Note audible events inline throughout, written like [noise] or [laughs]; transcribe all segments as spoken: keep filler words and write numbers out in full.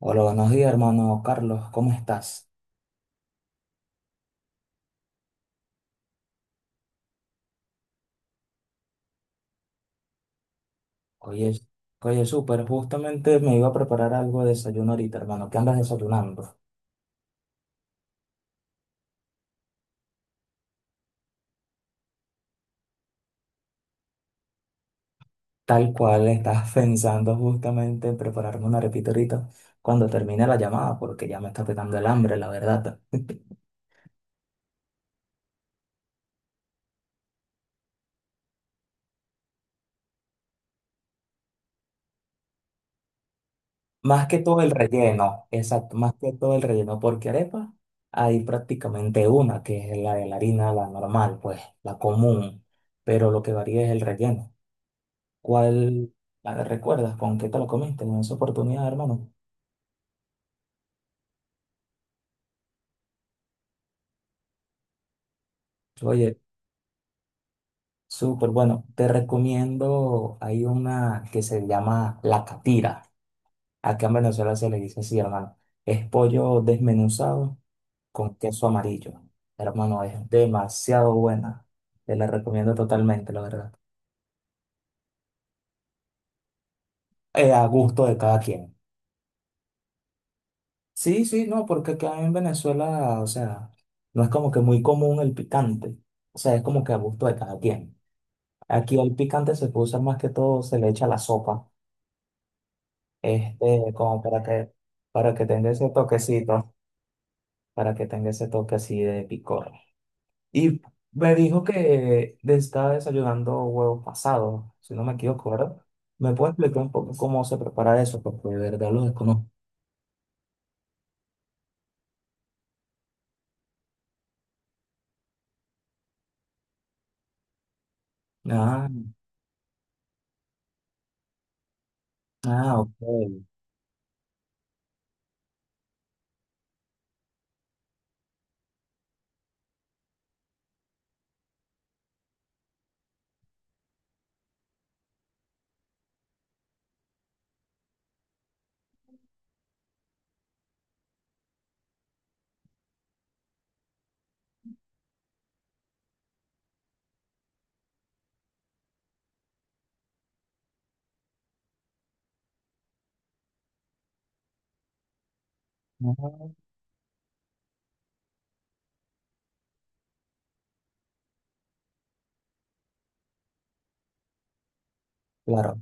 Hola, buenos días, hermano Carlos, ¿cómo estás? Oye, oye, súper, justamente me iba a preparar algo de desayuno ahorita, hermano. ¿Qué andas desayunando? Tal cual estás [laughs] pensando justamente en prepararme una arepita ahorita cuando termine la llamada, porque ya me está pegando el hambre, la verdad. [laughs] Más que todo el relleno, exacto, más que todo el relleno, porque arepa hay prácticamente una, que es la de la harina, la normal, pues, la común, pero lo que varía es el relleno. ¿Cuál la recuerdas? ¿Con qué te lo comiste? En esa oportunidad, hermano. Oye, súper bueno. Te recomiendo, hay una que se llama la catira. Acá en Venezuela se le dice así, hermano. Es pollo desmenuzado con queso amarillo. Hermano, es demasiado buena. Te la recomiendo totalmente, la verdad. Eh, a gusto de cada quien. Sí, sí, no, porque acá en Venezuela, o sea, no es como que muy común el picante. O sea, es como que a gusto de cada quien. Aquí el picante se puede usar más que todo, se le echa a la sopa, este, como para que, para que tenga ese toquecito, para que tenga ese toque así de picor. Y me dijo que de- estaba desayunando huevos pasados, si no me equivoco, ¿verdad? ¿Me puede explicar un poco cómo se prepara eso? Porque de verdad lo desconozco. Ah, ah, ok. Ah, claro,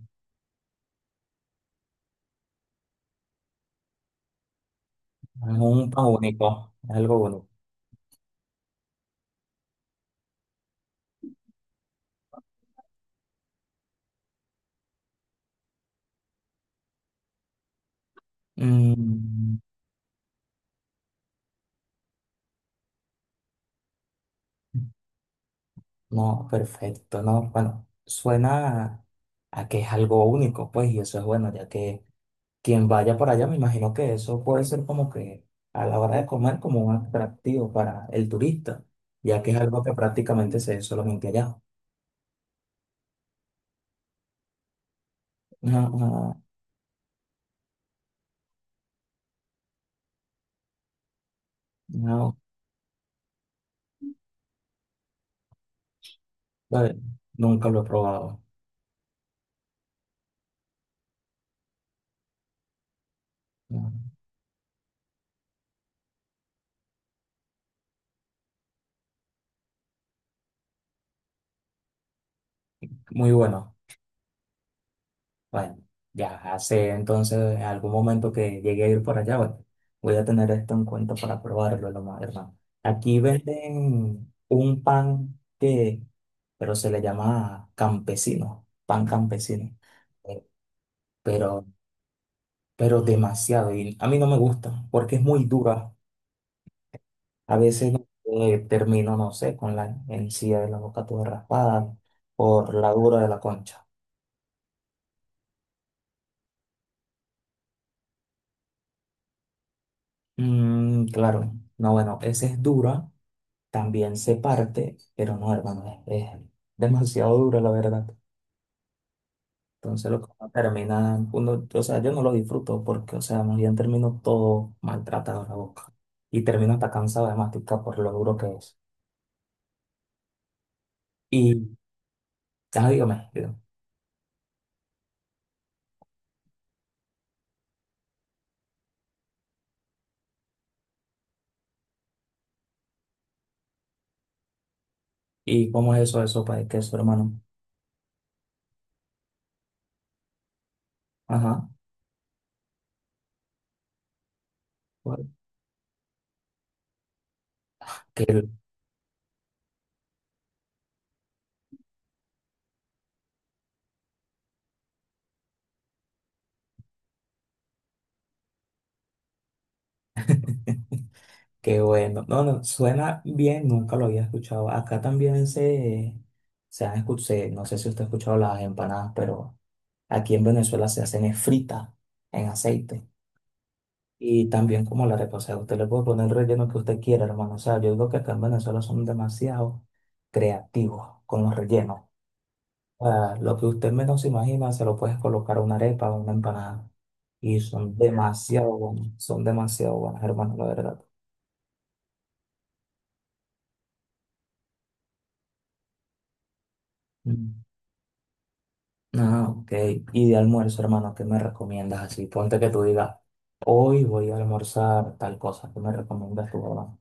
es un pan único, es algo único. Mm. No, perfecto, no, bueno, suena a a que es algo único, pues, y eso es bueno, ya que quien vaya por allá, me imagino que eso puede ser como que a la hora de comer como un atractivo para el turista, ya que es algo que prácticamente se ve solamente allá. No, no, no, vale, nunca lo he probado. No, muy bueno. Bueno, ya hace entonces algún momento que llegué a ir por allá, bueno, voy a tener esto en cuenta para probarlo, lo más, hermano. Aquí venden un pan que, pero se le llama campesino, pan campesino, eh, pero, pero demasiado, y a mí no me gusta porque es muy dura. A veces eh, termino, no sé, con la encía de la boca toda raspada por la dura de la concha. Mm, claro, no, bueno, esa es dura. También se parte, pero no, hermano, es, es demasiado duro, la verdad. Entonces, lo que uno termina, uno, o sea, yo no lo disfruto porque, o sea, más bien termino todo maltratado en la boca. Y termino hasta cansado de masticar por lo duro que es. Y, ah, dígame, dígame, ¿y cómo es eso de sopa de queso, hermano? Ajá, bueno, qué, qué bueno. No, no, suena bien, nunca lo había escuchado. Acá también se, se han escuchado, no sé si usted ha escuchado las empanadas, pero. Aquí en Venezuela se hacen es frita en aceite. Y también como la arepa, o sea, usted le puede poner el relleno que usted quiera, hermano. O sea, yo digo que acá en Venezuela son demasiado creativos con los rellenos. O sea, lo que usted menos se imagina, se lo puedes colocar a una arepa o una empanada. Y son demasiado buenos, son demasiado buenas, hermano, la verdad. Mm. Ah, ok. Y de almuerzo, hermano, ¿qué me recomiendas así? Ponte que tú digas, hoy voy a almorzar tal cosa. ¿Qué me recomiendas tú, hermano?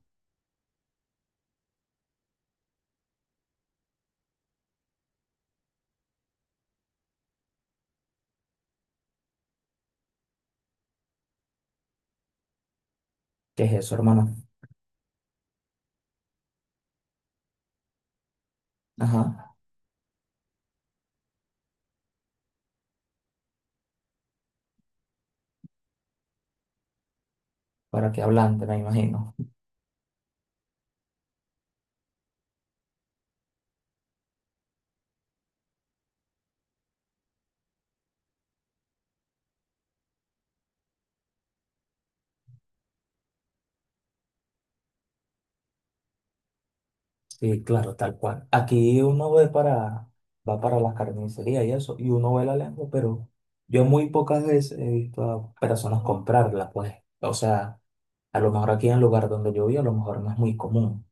¿Qué es eso, hermano? Ajá. Para que hablante, me imagino. Sí, claro, tal cual. Aquí uno ve para, va para las carnicerías y eso, y uno ve la lengua, pero yo muy pocas veces he visto a personas comprarla, pues. O sea, a lo mejor aquí en el lugar donde yo vivo, a lo mejor no es muy común.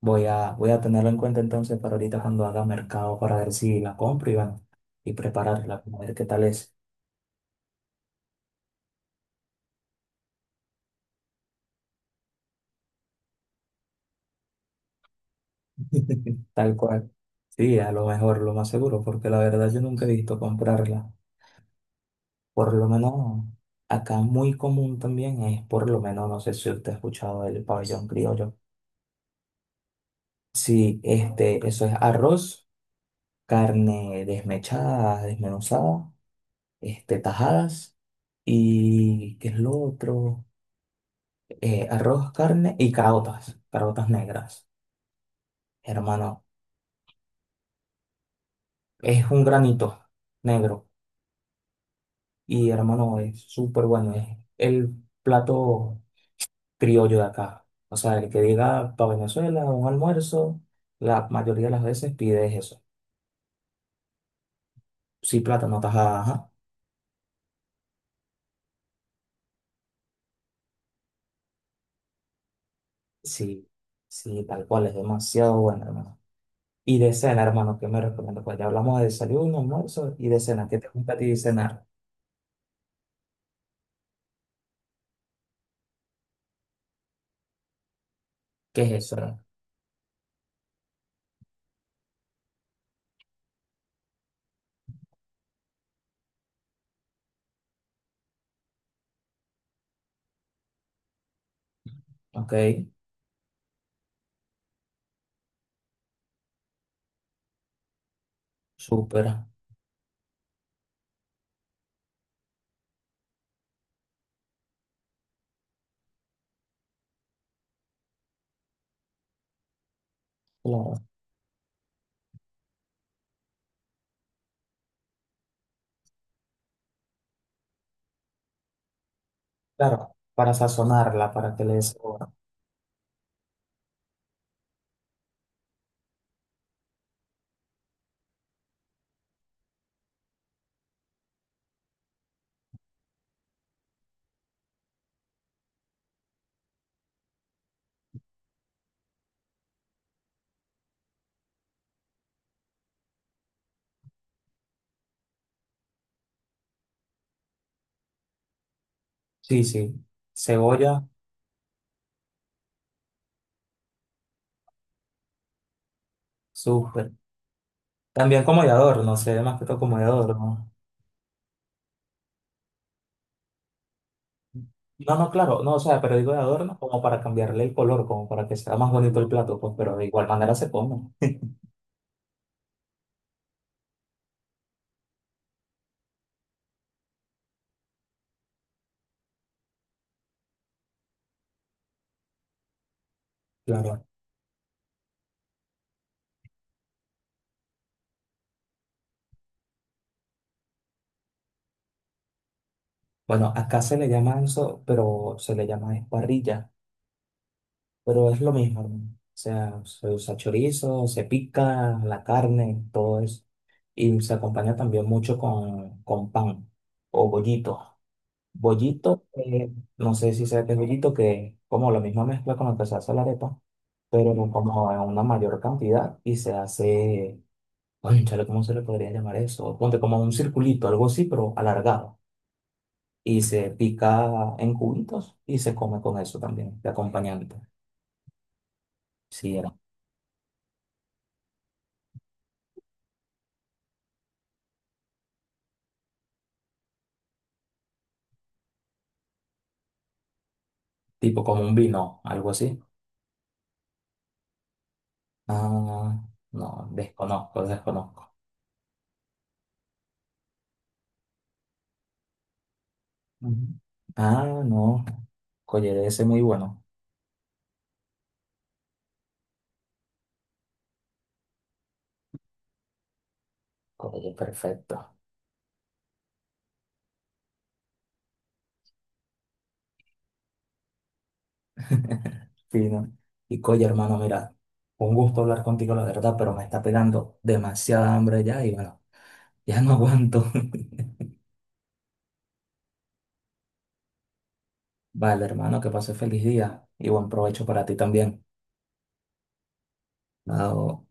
Voy a, voy a tenerlo en cuenta entonces para ahorita cuando haga mercado para ver si la compro y bueno, y prepararla, a ver qué tal es. [laughs] Tal cual. Sí, a lo mejor, lo más seguro, porque la verdad yo nunca he visto comprarla. Por lo menos acá muy común también es, por lo menos, no sé si usted ha escuchado el pabellón criollo. Sí, este, eso es arroz, carne desmechada, desmenuzada, este, tajadas y ¿qué es lo otro? Eh, arroz, carne y carotas, carotas negras. Hermano, es un granito negro y hermano, es súper bueno, es el plato criollo de acá. O sea, el que diga para Venezuela un almuerzo, la mayoría de las veces pides eso. Sí, plátano, tajada, ajá. Sí, sí, tal cual, es demasiado bueno, hermano. Y de cena, hermano, ¿qué me recomiendo? Pues ya hablamos de desayuno, almuerzo y de cena. ¿Qué te gusta a ti de cenar? ¿Qué es eso, hermano? Ok, súper. Claro, claro, para sazonarla, para que le dé sabor. Sí, sí, cebolla, súper. También como de adorno, sé, más que todo como de adorno. No, no, claro, no, o sea, pero digo de adorno como para cambiarle el color, como para que sea más bonito el plato, pues, pero de igual manera se come. Claro. Bueno, acá se le llama eso, pero se le llama esparrilla, pero es lo mismo, hermano. O sea, se usa chorizo, se pica la carne, todo eso. Y se acompaña también mucho con, con pan o bollito. Bollito, eh, no sé si sea que es bollito, que es como la misma mezcla con la que se hace la arepa, pero como en una mayor cantidad y se hace. Cónchale, ¿cómo se le podría llamar eso? Ponte como un circulito, algo así, pero alargado. Y se pica en cubitos y se come con eso también, de acompañante. Sí, era tipo como un vino, algo así. Ah, no, desconozco, desconozco. Ujú. Ah, no, Colle, ese muy bueno. Colle, perfecto. Fino. Y Colle, hermano, mira, un gusto hablar contigo, la verdad, pero me está pegando demasiada hambre ya y bueno, ya no aguanto. [laughs] Vale, hermano, que pase feliz día y buen provecho para ti también. Ah, o-